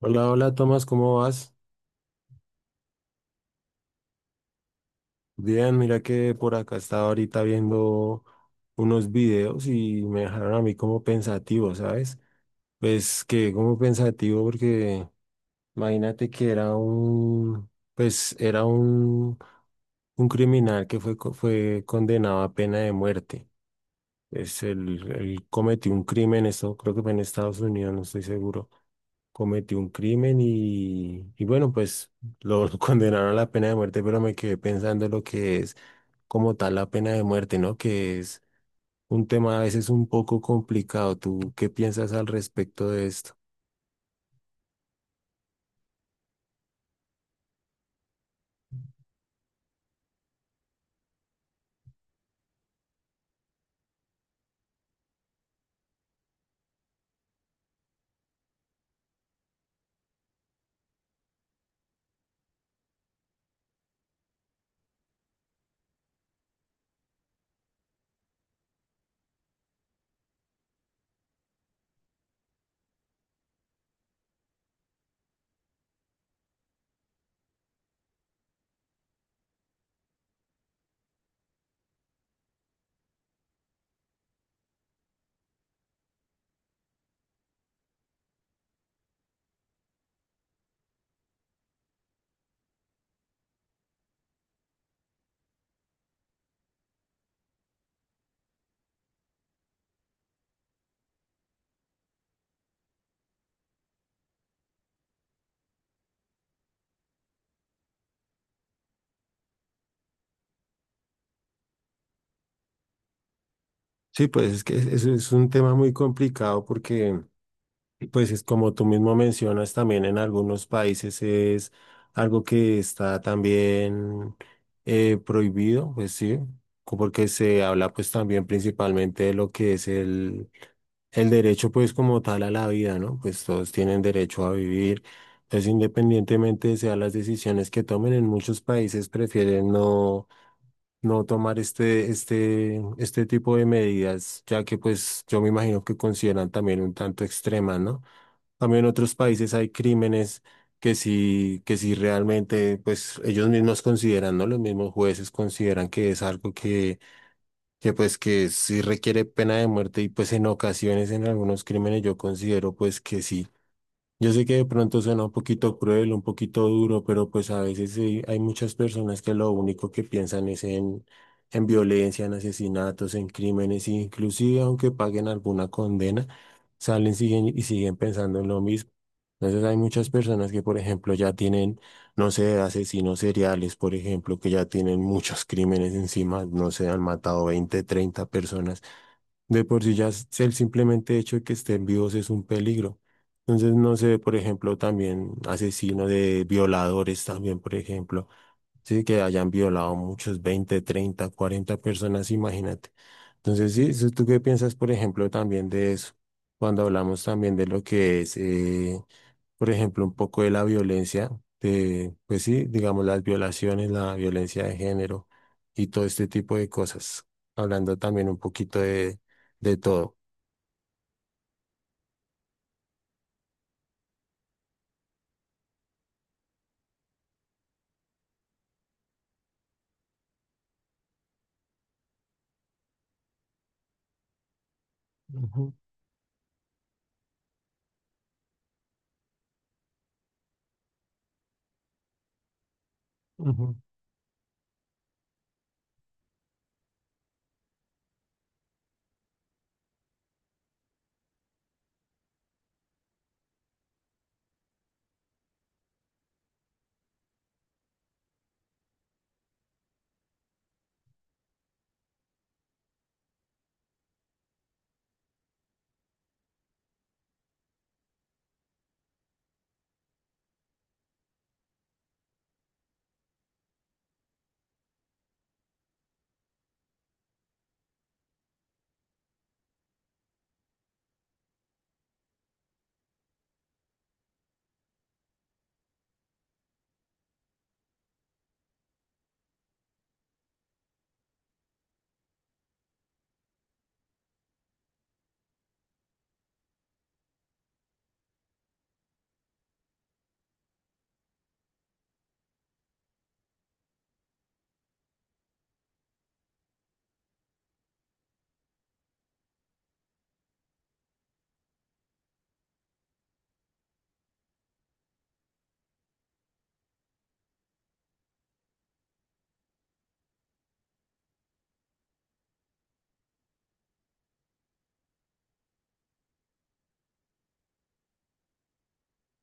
Hola, hola Tomás, ¿cómo vas? Bien, mira que por acá estaba ahorita viendo unos videos y me dejaron a mí como pensativo, ¿sabes? Pues que como pensativo porque imagínate que era un, pues era un criminal que fue condenado a pena de muerte. Él cometió un crimen, eso creo que fue en Estados Unidos, no estoy seguro. Cometió un crimen y bueno, pues lo, lo condenaron a la pena de muerte, pero me quedé pensando lo que es como tal la pena de muerte, ¿no? Que es un tema a veces un poco complicado. ¿Tú qué piensas al respecto de esto? Sí, pues es un tema muy complicado porque pues es como tú mismo mencionas, también en algunos países es algo que está también prohibido, pues sí, porque se habla pues también principalmente de lo que es el derecho pues como tal a la vida, ¿no? Pues todos tienen derecho a vivir, entonces independientemente sean las decisiones que tomen, en muchos países prefieren no, no tomar este tipo de medidas, ya que pues yo me imagino que consideran también un tanto extremas, ¿no? También en otros países hay crímenes que sí realmente, pues ellos mismos consideran, ¿no? Los mismos jueces consideran que es algo que pues que sí requiere pena de muerte y pues en ocasiones en algunos crímenes yo considero pues que sí. Yo sé que de pronto suena un poquito cruel, un poquito duro, pero pues a veces sí, hay muchas personas que lo único que piensan es en violencia, en asesinatos, en crímenes, e inclusive aunque paguen alguna condena, y siguen pensando en lo mismo. Entonces hay muchas personas que, por ejemplo, ya tienen, no sé, asesinos seriales, por ejemplo, que ya tienen muchos crímenes encima, no sé, han matado 20 30 personas. De por sí ya el simplemente hecho de que estén vivos es un peligro. Entonces, no sé, por ejemplo, también asesinos de violadores también, por ejemplo, sí, que hayan violado muchos 20 30 40 personas, imagínate. Entonces, sí, eso, ¿tú qué piensas, por ejemplo, también de eso? Cuando hablamos también de lo que es, por ejemplo, un poco de la violencia, pues sí, digamos las violaciones, la violencia de género y todo este tipo de cosas, hablando también un poquito de todo. Ujú, ujú,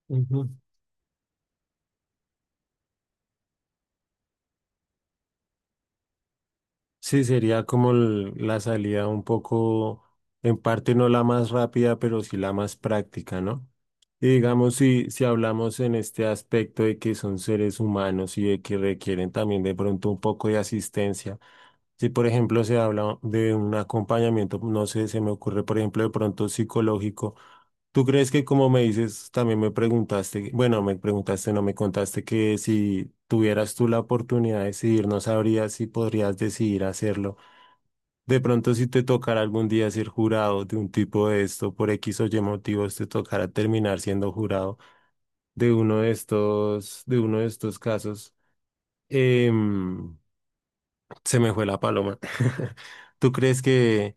ujú. Sí, sería como la salida un poco, en parte no la más rápida, pero sí la más práctica, ¿no? Y digamos, si hablamos en este aspecto de que son seres humanos y de que requieren también de pronto un poco de asistencia, si por ejemplo se habla de un acompañamiento, no sé, se me ocurre por ejemplo de pronto psicológico, ¿tú crees que como me dices, también me preguntaste, bueno, me preguntaste, no me contaste que si tuvieras tú la oportunidad de decidir, no sabrías si podrías decidir hacerlo? De pronto, si te tocará algún día ser jurado de un tipo de esto, por X o Y motivos, te tocará terminar siendo jurado de uno de estos, de uno de estos casos. Em, se me fue la paloma. ¿Tú crees que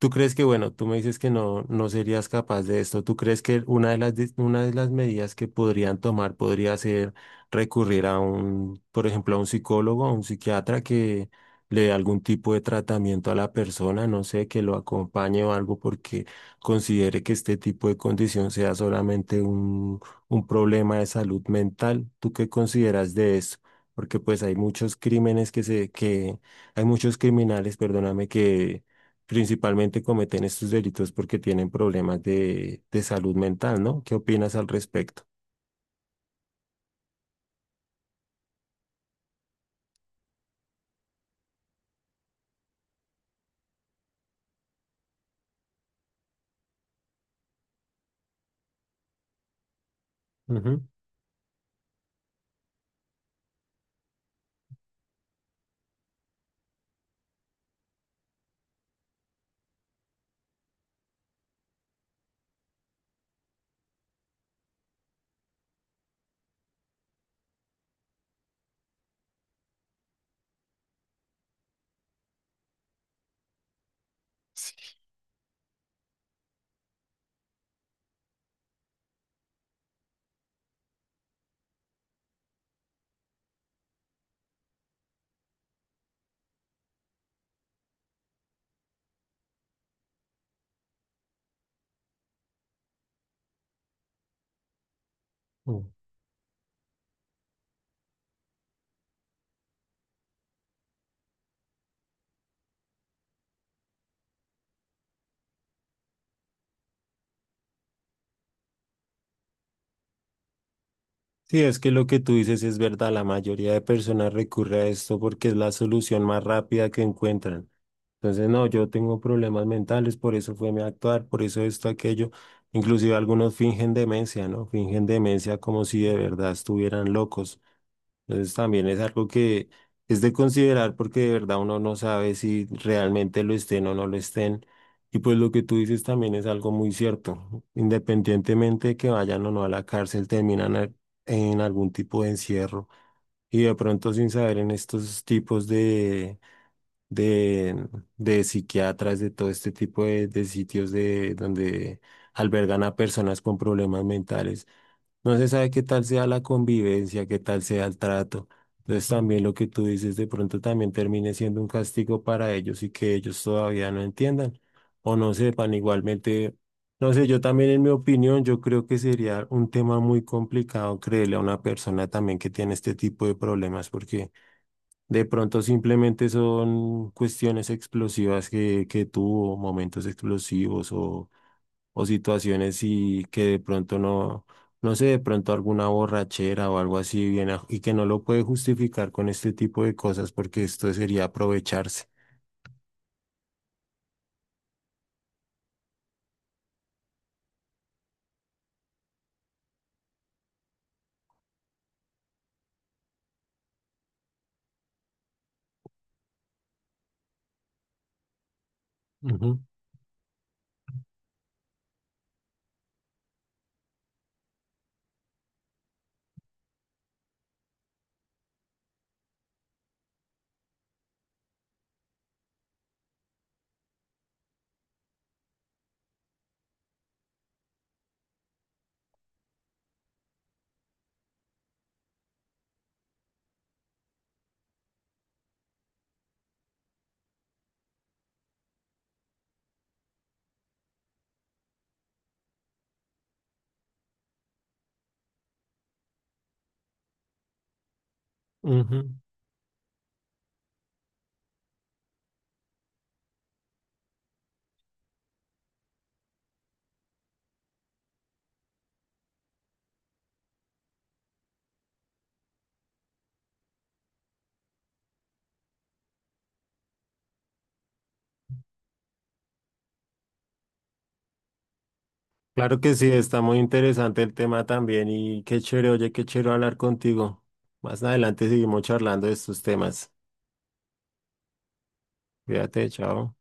¿Tú crees que, bueno, tú me dices que no, no serías capaz de esto? ¿Tú crees que una de una de las medidas que podrían tomar podría ser recurrir a un, por ejemplo, a un psicólogo, a un psiquiatra que le dé algún tipo de tratamiento a la persona, no sé, que lo acompañe o algo porque considere que este tipo de condición sea solamente un problema de salud mental? ¿Tú qué consideras de eso? Porque pues hay muchos crímenes hay muchos criminales, perdóname, que principalmente cometen estos delitos porque tienen problemas de salud mental, ¿no? ¿Qué opinas al respecto? Ujú. Mm. Sí, es que lo que tú dices es verdad, la mayoría de personas recurre a esto porque es la solución más rápida que encuentran. Entonces, no, yo tengo problemas mentales, por eso fue mi actuar, por eso esto, aquello. Inclusive algunos fingen demencia, ¿no? Fingen demencia como si de verdad estuvieran locos. Entonces también es algo que es de considerar porque de verdad uno no sabe si realmente lo estén o no lo estén. Y pues lo que tú dices también es algo muy cierto. Independientemente de que vayan o no a la cárcel, terminan en algún tipo de encierro. Y de pronto sin saber en estos tipos de, de psiquiatras, de todo este tipo de sitios de, donde albergan a personas con problemas mentales no se sabe qué tal sea la convivencia, qué tal sea el trato. Entonces también lo que tú dices de pronto también termine siendo un castigo para ellos y que ellos todavía no entiendan o no sepan. Igualmente, no sé, yo también en mi opinión, yo creo que sería un tema muy complicado creerle a una persona también que tiene este tipo de problemas porque de pronto simplemente son cuestiones explosivas que tuvo, momentos explosivos o situaciones y que de pronto no, no sé, de pronto alguna borrachera o algo así viene y que no lo puede justificar con este tipo de cosas porque esto sería aprovecharse. Ujú, ujú. Claro que sí, está muy interesante el tema también y qué chévere, oye, qué chévere hablar contigo. Más adelante seguimos charlando de estos temas. Cuídate, chao.